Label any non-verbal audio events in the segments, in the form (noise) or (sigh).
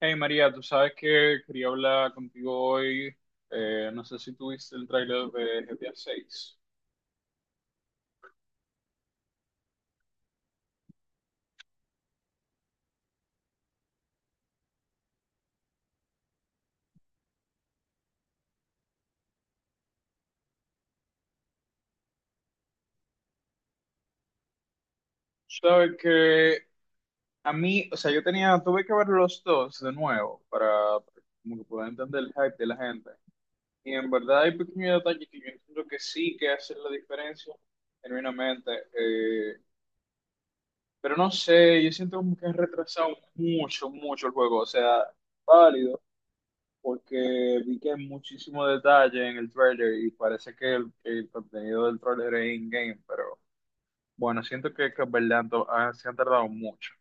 Hey María, tú sabes que quería hablar contigo hoy. No sé si tuviste el tráiler de GTA 6. Sabes que a mí, o sea, tuve que ver los dos de nuevo para, como que poder entender el hype de la gente. Y en verdad hay pequeños detalles que yo entiendo que sí que hacen la diferencia, genuinamente. Pero no sé, yo siento como que han retrasado mucho, mucho el juego. O sea, válido. Porque vi que hay muchísimo detalle en el trailer y parece que el contenido del trailer es in-game, pero bueno, siento que en verdad se han tardado mucho.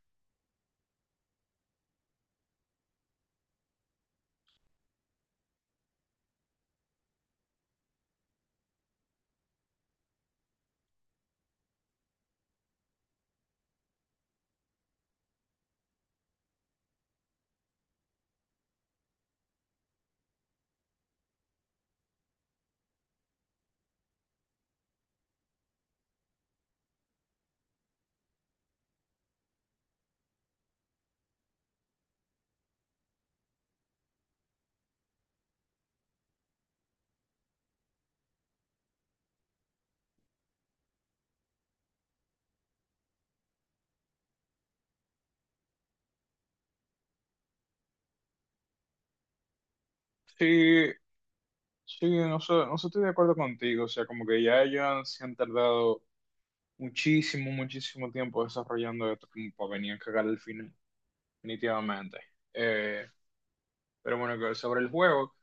Sí, sí, no sé, no sé, estoy de acuerdo contigo, o sea, como que ya se han tardado muchísimo, muchísimo tiempo desarrollando esto como para venir a cagar el final, definitivamente. Eh, Pero bueno, que sobre el juego,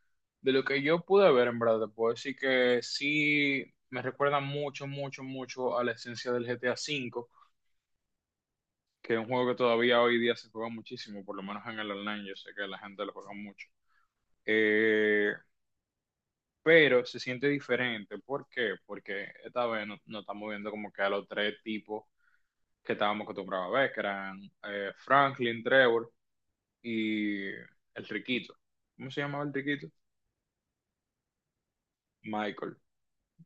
de lo que yo pude ver, en verdad, te puedo decir que sí me recuerda mucho, mucho, mucho a la esencia del GTA V, que es un juego que todavía hoy día se juega muchísimo, por lo menos en el online, yo sé que la gente lo juega mucho. Eh, pero se siente diferente. ¿Por qué? Porque esta vez no estamos viendo como que a los tres tipos que estábamos acostumbrados a ver, que eran Franklin, Trevor y el riquito. ¿Cómo se llamaba el riquito? Michael.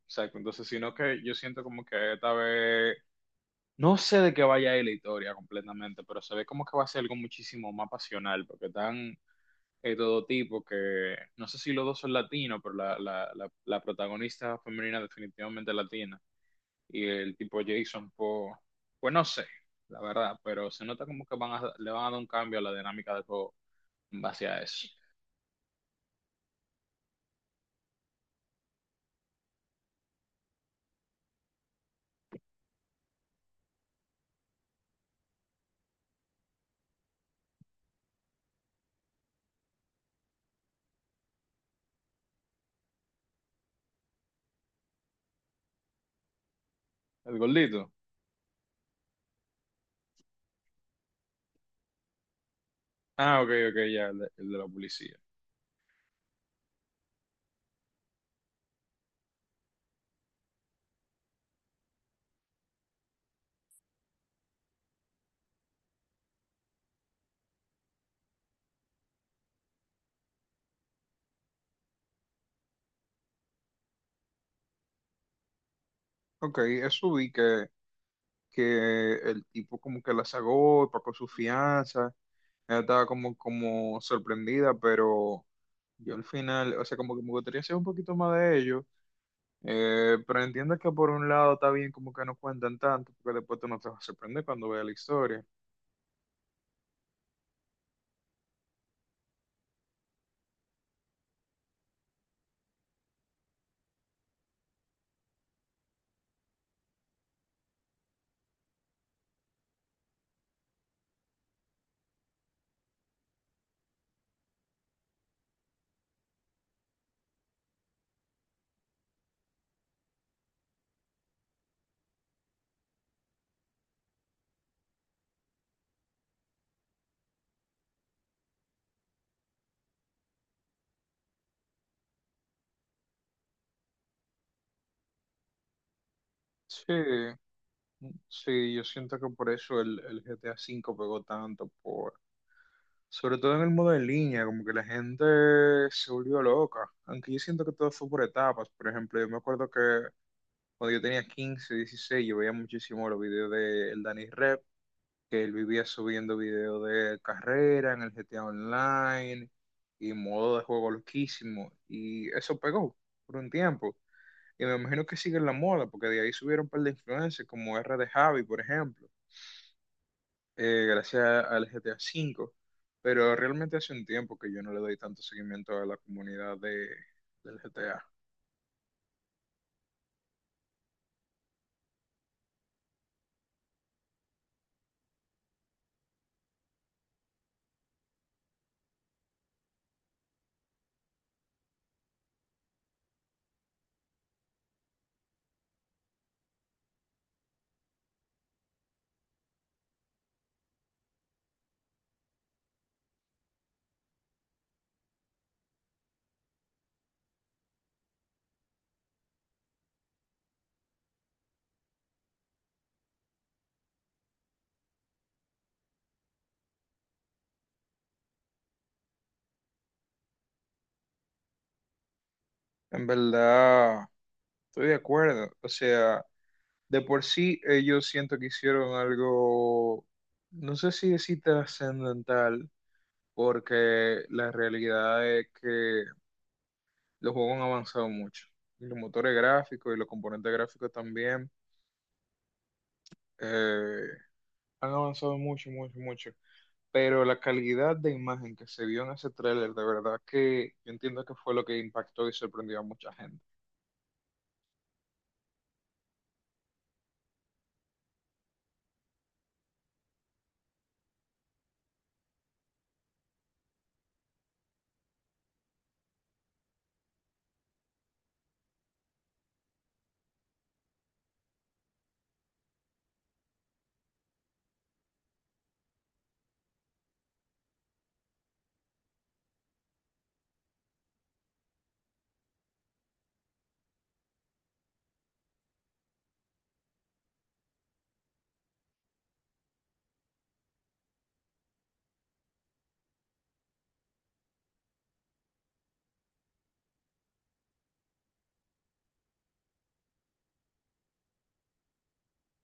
Exacto, entonces, sino que yo siento como que esta vez, no sé de qué vaya a ir la historia completamente, pero se ve como que va a ser algo muchísimo más pasional, porque están todo tipo que, no sé si los dos son latinos, pero la protagonista femenina definitivamente es latina, y el tipo Jason, pues, pues no sé, la verdad, pero se nota como que van a, le van a dar un cambio a la dinámica del juego en base a eso. El gordito. Ah, ok, ok, ya, el de la policía. Ok, eso vi que el tipo como que la sagó, y pagó su fianza, ella estaba como, como sorprendida, pero yo al final, o sea, como que me gustaría saber un poquito más de ello, pero entiendo que por un lado está bien como que no cuentan tanto, porque después tú no te vas a sorprender cuando veas la historia. Sí, sí, yo siento que por eso el GTA 5 pegó tanto, por, sobre todo en el modo en línea, como que la gente se volvió loca, aunque yo siento que todo fue por etapas, por ejemplo, yo me acuerdo que cuando yo tenía 15, 16 yo veía muchísimo los videos de el Danny Rep, que él vivía subiendo videos de carrera en el GTA Online y modo de juego loquísimo. Y eso pegó por un tiempo. Y me imagino que sigue en la moda, porque de ahí subieron un par de influencers como R de Javi, por ejemplo, gracias al GTA 5. Pero realmente hace un tiempo que yo no le doy tanto seguimiento a la comunidad de, del GTA. En verdad, estoy de acuerdo. O sea, de por sí, ellos siento que hicieron algo, no sé si decir trascendental, porque la realidad es que los juegos han avanzado mucho. Y los motores gráficos y los componentes gráficos también eh, han avanzado mucho, mucho, mucho. Pero la calidad de imagen que se vio en ese tráiler, de verdad que yo entiendo que fue lo que impactó y sorprendió a mucha gente.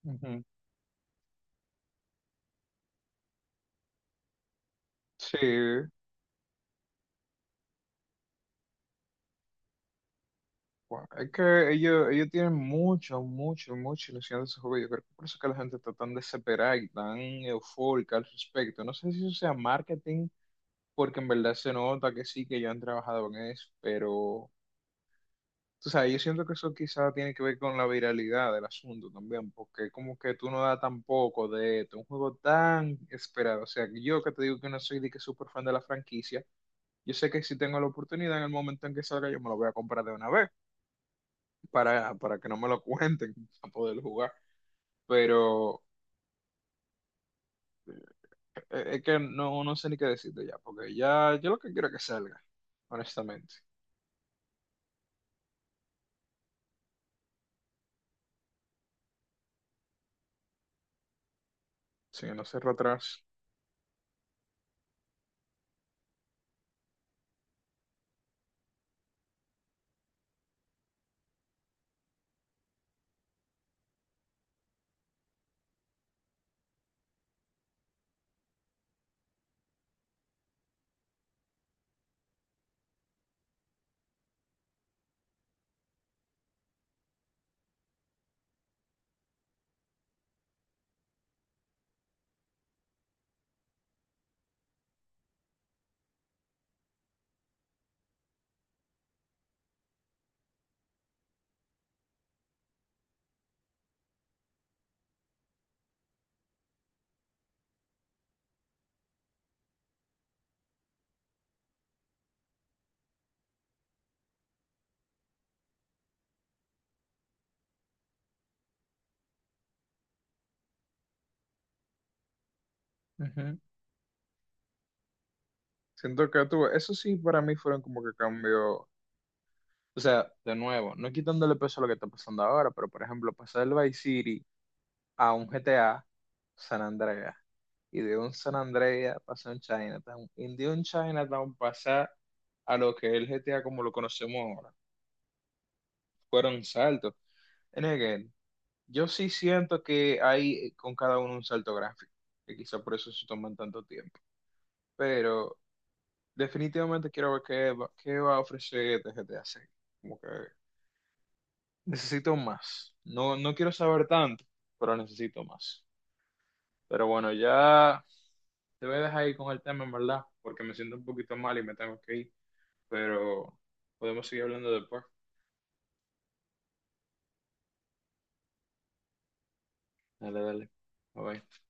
Ujú. Sí, bueno, es que ellos tienen mucho, mucho, mucha ilusión de ese juego. Yo creo que por eso que la gente está tan desesperada y tan eufórica al respecto. No sé si eso sea marketing, porque en verdad se nota que sí, que ya han trabajado en eso, pero tú sabes, yo siento que eso quizás tiene que ver con la viralidad del asunto también, porque como que tú no das tampoco de esto, un juego tan esperado. O sea, que yo que te digo que no soy de que súper fan de la franquicia, yo sé que si tengo la oportunidad en el momento en que salga, yo me lo voy a comprar de una vez para, que no me lo cuenten, (laughs) para poder jugar. Pero es que no sé ni qué decirte ya, porque ya yo lo que quiero es que salga, honestamente. Si no cierro atrás. Ujú. Siento que tuve, eso sí para mí fueron como que cambios, o sea, de nuevo, no quitándole peso a lo que está pasando ahora, pero por ejemplo, pasar del Vice City a un GTA San Andreas, y de un San Andreas pasar a un Chinatown, y de un Chinatown pasar a lo que es el GTA como lo conocemos ahora. Fueron saltos. En again, yo sí siento que hay con cada uno un salto gráfico, que quizá por eso se toman tanto tiempo. Pero definitivamente quiero ver qué va a ofrecer este GTA 6. Como que necesito más. No quiero saber tanto, pero necesito más. Pero bueno, ya te voy a dejar ahí con el tema, en verdad, porque me siento un poquito mal y me tengo que ir. Pero podemos seguir hablando después. Dale, dale. Bye bye.